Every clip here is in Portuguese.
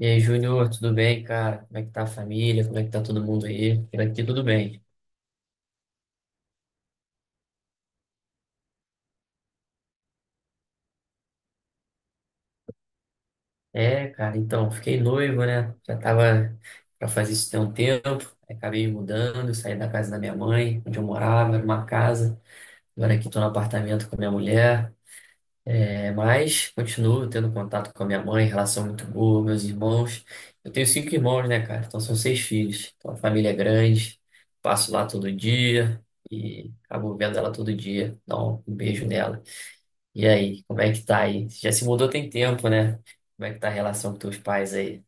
E aí, Júnior, tudo bem, cara? Como é que tá a família? Como é que tá todo mundo aí? Por aqui tudo bem. É, cara, então, fiquei noivo, né? Já tava pra fazer isso tem um tempo. Aí acabei me mudando, saí da casa da minha mãe, onde eu morava, era uma casa. Agora aqui tô no apartamento com a minha mulher. É, mas continuo tendo contato com a minha mãe, relação muito boa, meus irmãos. Eu tenho 5 irmãos, né, cara? Então são 6 filhos. Então a família é grande, passo lá todo dia e acabo vendo ela todo dia. Dá um beijo nela. E aí, como é que tá aí? Você já se mudou tem tempo, né? Como é que tá a relação com teus pais aí?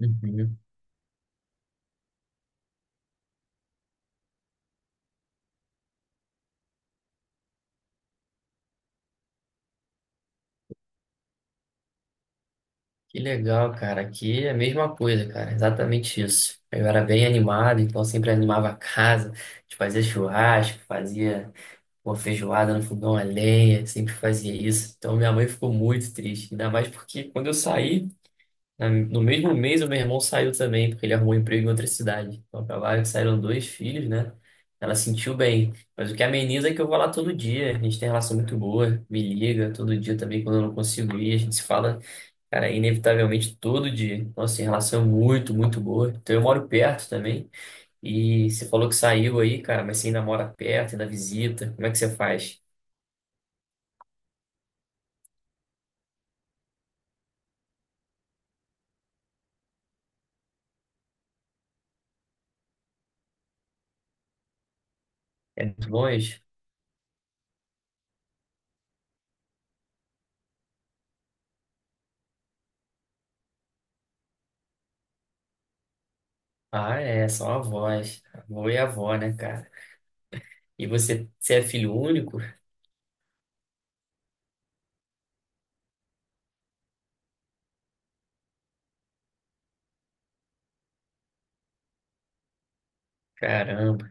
Uhum. Que legal, cara. Aqui é a mesma coisa, cara. Exatamente isso. Eu era bem animado, então sempre animava a casa. A gente fazia churrasco, fazia uma feijoada no fogão a lenha, sempre fazia isso. Então minha mãe ficou muito triste, ainda mais porque quando eu saí, no mesmo mês, o meu irmão saiu também, porque ele arrumou um emprego em outra cidade. Então, acabaram que saíram dois filhos, né? Ela sentiu bem. Mas o que ameniza é que eu vou lá todo dia. A gente tem relação muito boa, me liga todo dia também quando eu não consigo ir. A gente se fala, cara, inevitavelmente todo dia. Então, assim, relação é muito, muito boa. Então, eu moro perto também. E você falou que saiu aí, cara, mas você ainda mora perto, ainda visita. Como é que você faz? É muito longe? Ah, é, só avós. Avô e avó, né, cara? E você é filho único? Caramba,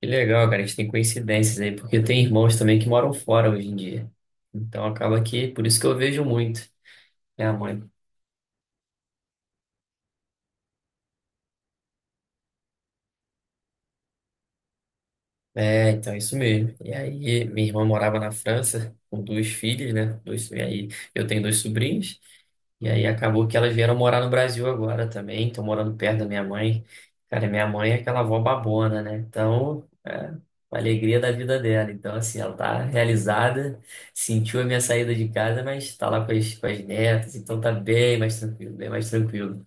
que legal, cara. A gente tem coincidências aí, porque tem irmãos também que moram fora hoje em dia. Então acaba que, por isso que eu vejo muito minha mãe. É, então, isso mesmo. E aí, minha irmã morava na França com 2 filhas, né? Dois, e aí, eu tenho 2 sobrinhos. E aí, acabou que elas vieram morar no Brasil agora também. Estão morando perto da minha mãe. Cara, minha mãe é aquela avó babona, né? Então, é uma alegria da vida dela. Então, assim, ela tá realizada, sentiu a minha saída de casa, mas tá lá com com as netas. Então, tá bem mais tranquilo, bem mais tranquilo.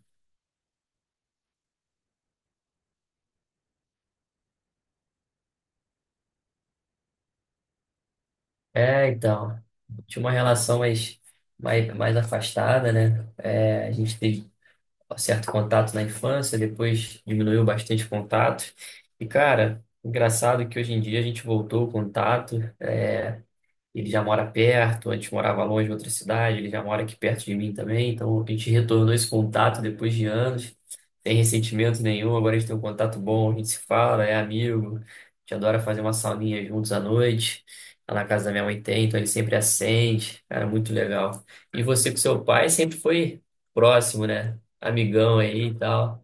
É, então, tinha uma relação mais, mais afastada, né? É, a gente teve um certo contato na infância, depois diminuiu bastante o contato. E, cara, engraçado que hoje em dia a gente voltou o contato. Ele já mora perto, antes morava longe em outra cidade, ele já mora aqui perto de mim também, então a gente retornou esse contato depois de anos, sem ressentimento nenhum, agora a gente tem um contato bom, a gente se fala, é amigo, a gente adora fazer uma sauninha juntos à noite, lá na casa da minha mãe tem, então ele sempre acende, cara, muito legal. E você com seu pai sempre foi próximo, né? Amigão aí e tal.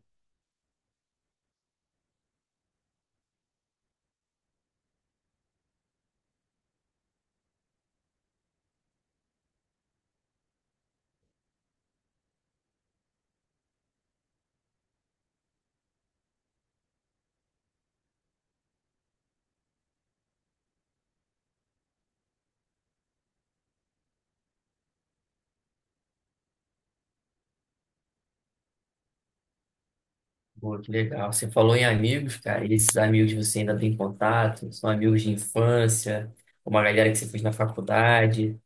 Pô, que legal. Você falou em amigos, cara. E esses amigos você ainda tem contato? São amigos de infância? Uma galera que você fez na faculdade?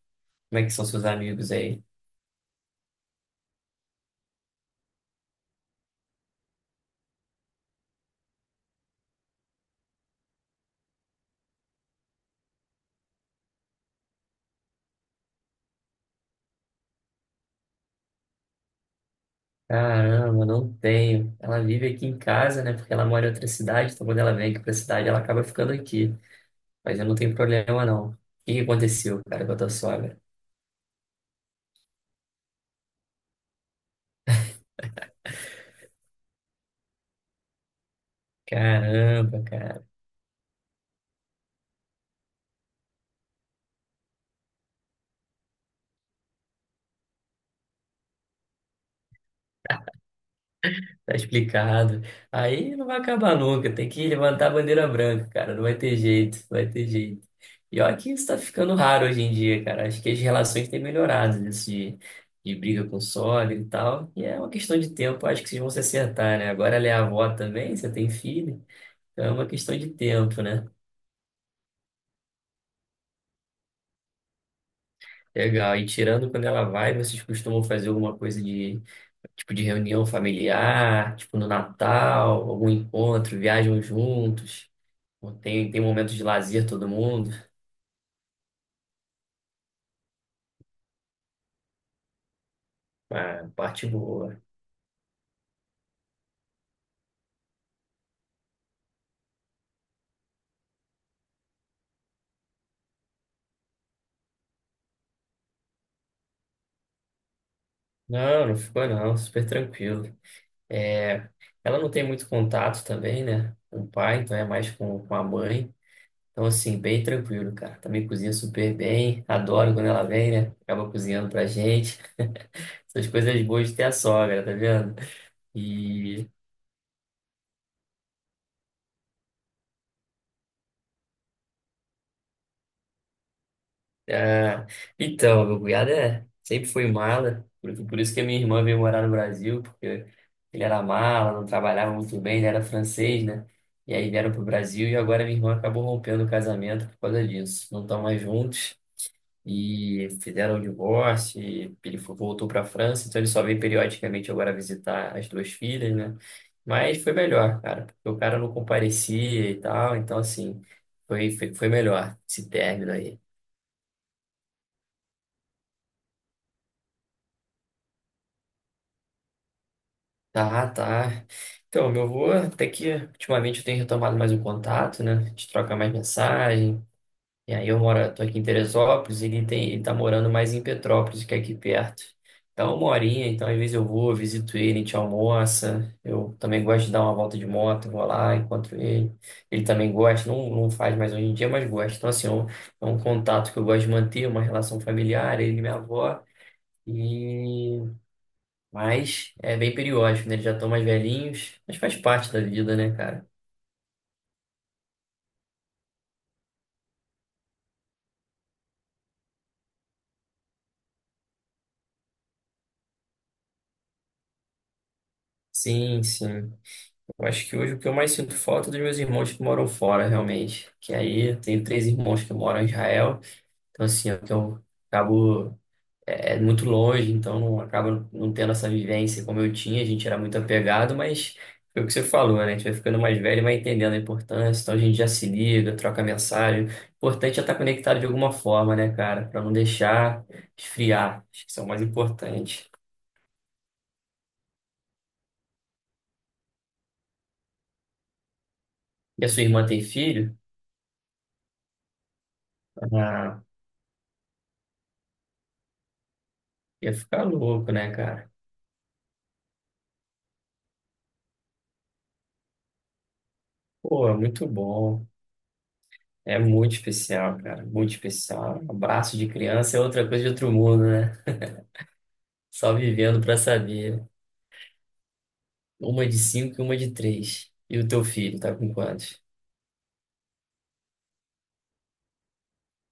Como é que são seus amigos aí? Caramba, não tenho. Ela vive aqui em casa, né? Porque ela mora em outra cidade. Então, quando ela vem aqui pra cidade, ela acaba ficando aqui. Mas eu não tenho problema, não. O que que aconteceu, cara, com a tua sogra? Caramba, cara. Tá explicado. Aí não vai acabar nunca. Tem que levantar a bandeira branca, cara. Não vai ter jeito, não vai ter jeito. E olha que isso tá ficando raro hoje em dia, cara. Acho que as relações têm melhorado nisso de briga com sólido e tal. E é uma questão de tempo, acho que vocês vão se acertar, né? Agora ela é avó também, você tem filho. Então é uma questão de tempo, né? Legal. E tirando quando ela vai, vocês costumam fazer alguma coisa de tipo de reunião familiar, tipo no Natal, algum encontro, viajam juntos. Pô, tem, tem momentos de lazer todo mundo. Ah, parte boa. Não, não ficou não, super tranquilo. É, ela não tem muito contato também, né? Com o pai, então é mais com a mãe. Então, assim, bem tranquilo, cara. Também cozinha super bem. Adoro quando ela vem, né? Acaba cozinhando pra gente. Essas coisas boas de ter a sogra, tá vendo? E ah, então, meu cunhado é, sempre foi mala, por isso que a minha irmã veio morar no Brasil, porque ele era mala, não trabalhava muito bem, ele era francês, né? E aí vieram pro Brasil e agora minha irmã acabou rompendo o casamento por causa disso. Não estão mais juntos e fizeram o divórcio, e ele voltou para a França, então ele só vem periodicamente agora visitar as 2 filhas, né? Mas foi melhor, cara, porque o cara não comparecia e tal, então assim, foi melhor esse término aí. Tá, tá. Então, meu avô, até que ultimamente eu tenho retomado mais o contato, né? A gente troca mais mensagem. E aí eu moro, tô aqui em Teresópolis, e ele tem, ele tá morando mais em Petrópolis, que é aqui perto. Então, uma horinha, então às vezes eu vou, visito ele, a gente almoça. Eu também gosto de dar uma volta de moto, vou lá, encontro ele. Ele também gosta, não, não faz mais hoje em dia, mas gosta. Então, assim, é é um contato que eu gosto de manter, uma relação familiar, ele e minha avó. e mas é bem periódico, né? Eles já estão mais velhinhos, mas faz parte da vida, né, cara? Sim, sim. Eu acho que hoje o que eu mais sinto falta é dos meus irmãos que moram fora, realmente. Que aí eu tenho 3 irmãos que moram em Israel. Então, assim, eu acabo. É muito longe, então não acaba não tendo essa vivência como eu tinha, a gente era muito apegado, mas foi o que você falou, né? A gente vai ficando mais velho, e vai entendendo a importância, então a gente já se liga, troca mensagem. O importante é estar conectado de alguma forma, né, cara? Pra não deixar esfriar. Acho que isso é o mais importante. E a sua irmã tem filho? Ah, ia ficar louco, né, cara? Pô, é muito bom. É muito especial, cara. Muito especial. Abraço de criança é outra coisa de outro mundo, né? Só vivendo pra saber. Uma de cinco e uma de três. E o teu filho tá com quantos?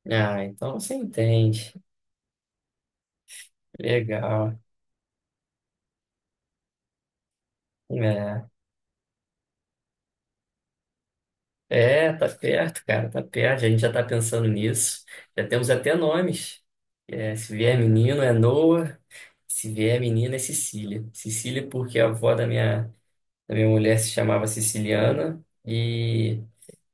Ah, então você entende. Legal. É, é, tá perto, cara, tá perto. A gente já tá pensando nisso. Já temos até nomes. É, se vier menino é Noah, se vier menina é Cecília. Cecília porque é a avó da minha. A minha mulher se chamava Siciliana e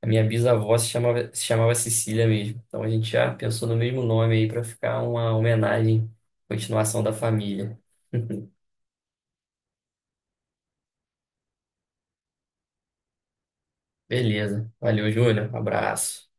a minha bisavó se chamava, se chamava Sicília mesmo. Então a gente já pensou no mesmo nome aí para ficar uma homenagem, continuação da família. Beleza. Valeu, Júnior. Abraço.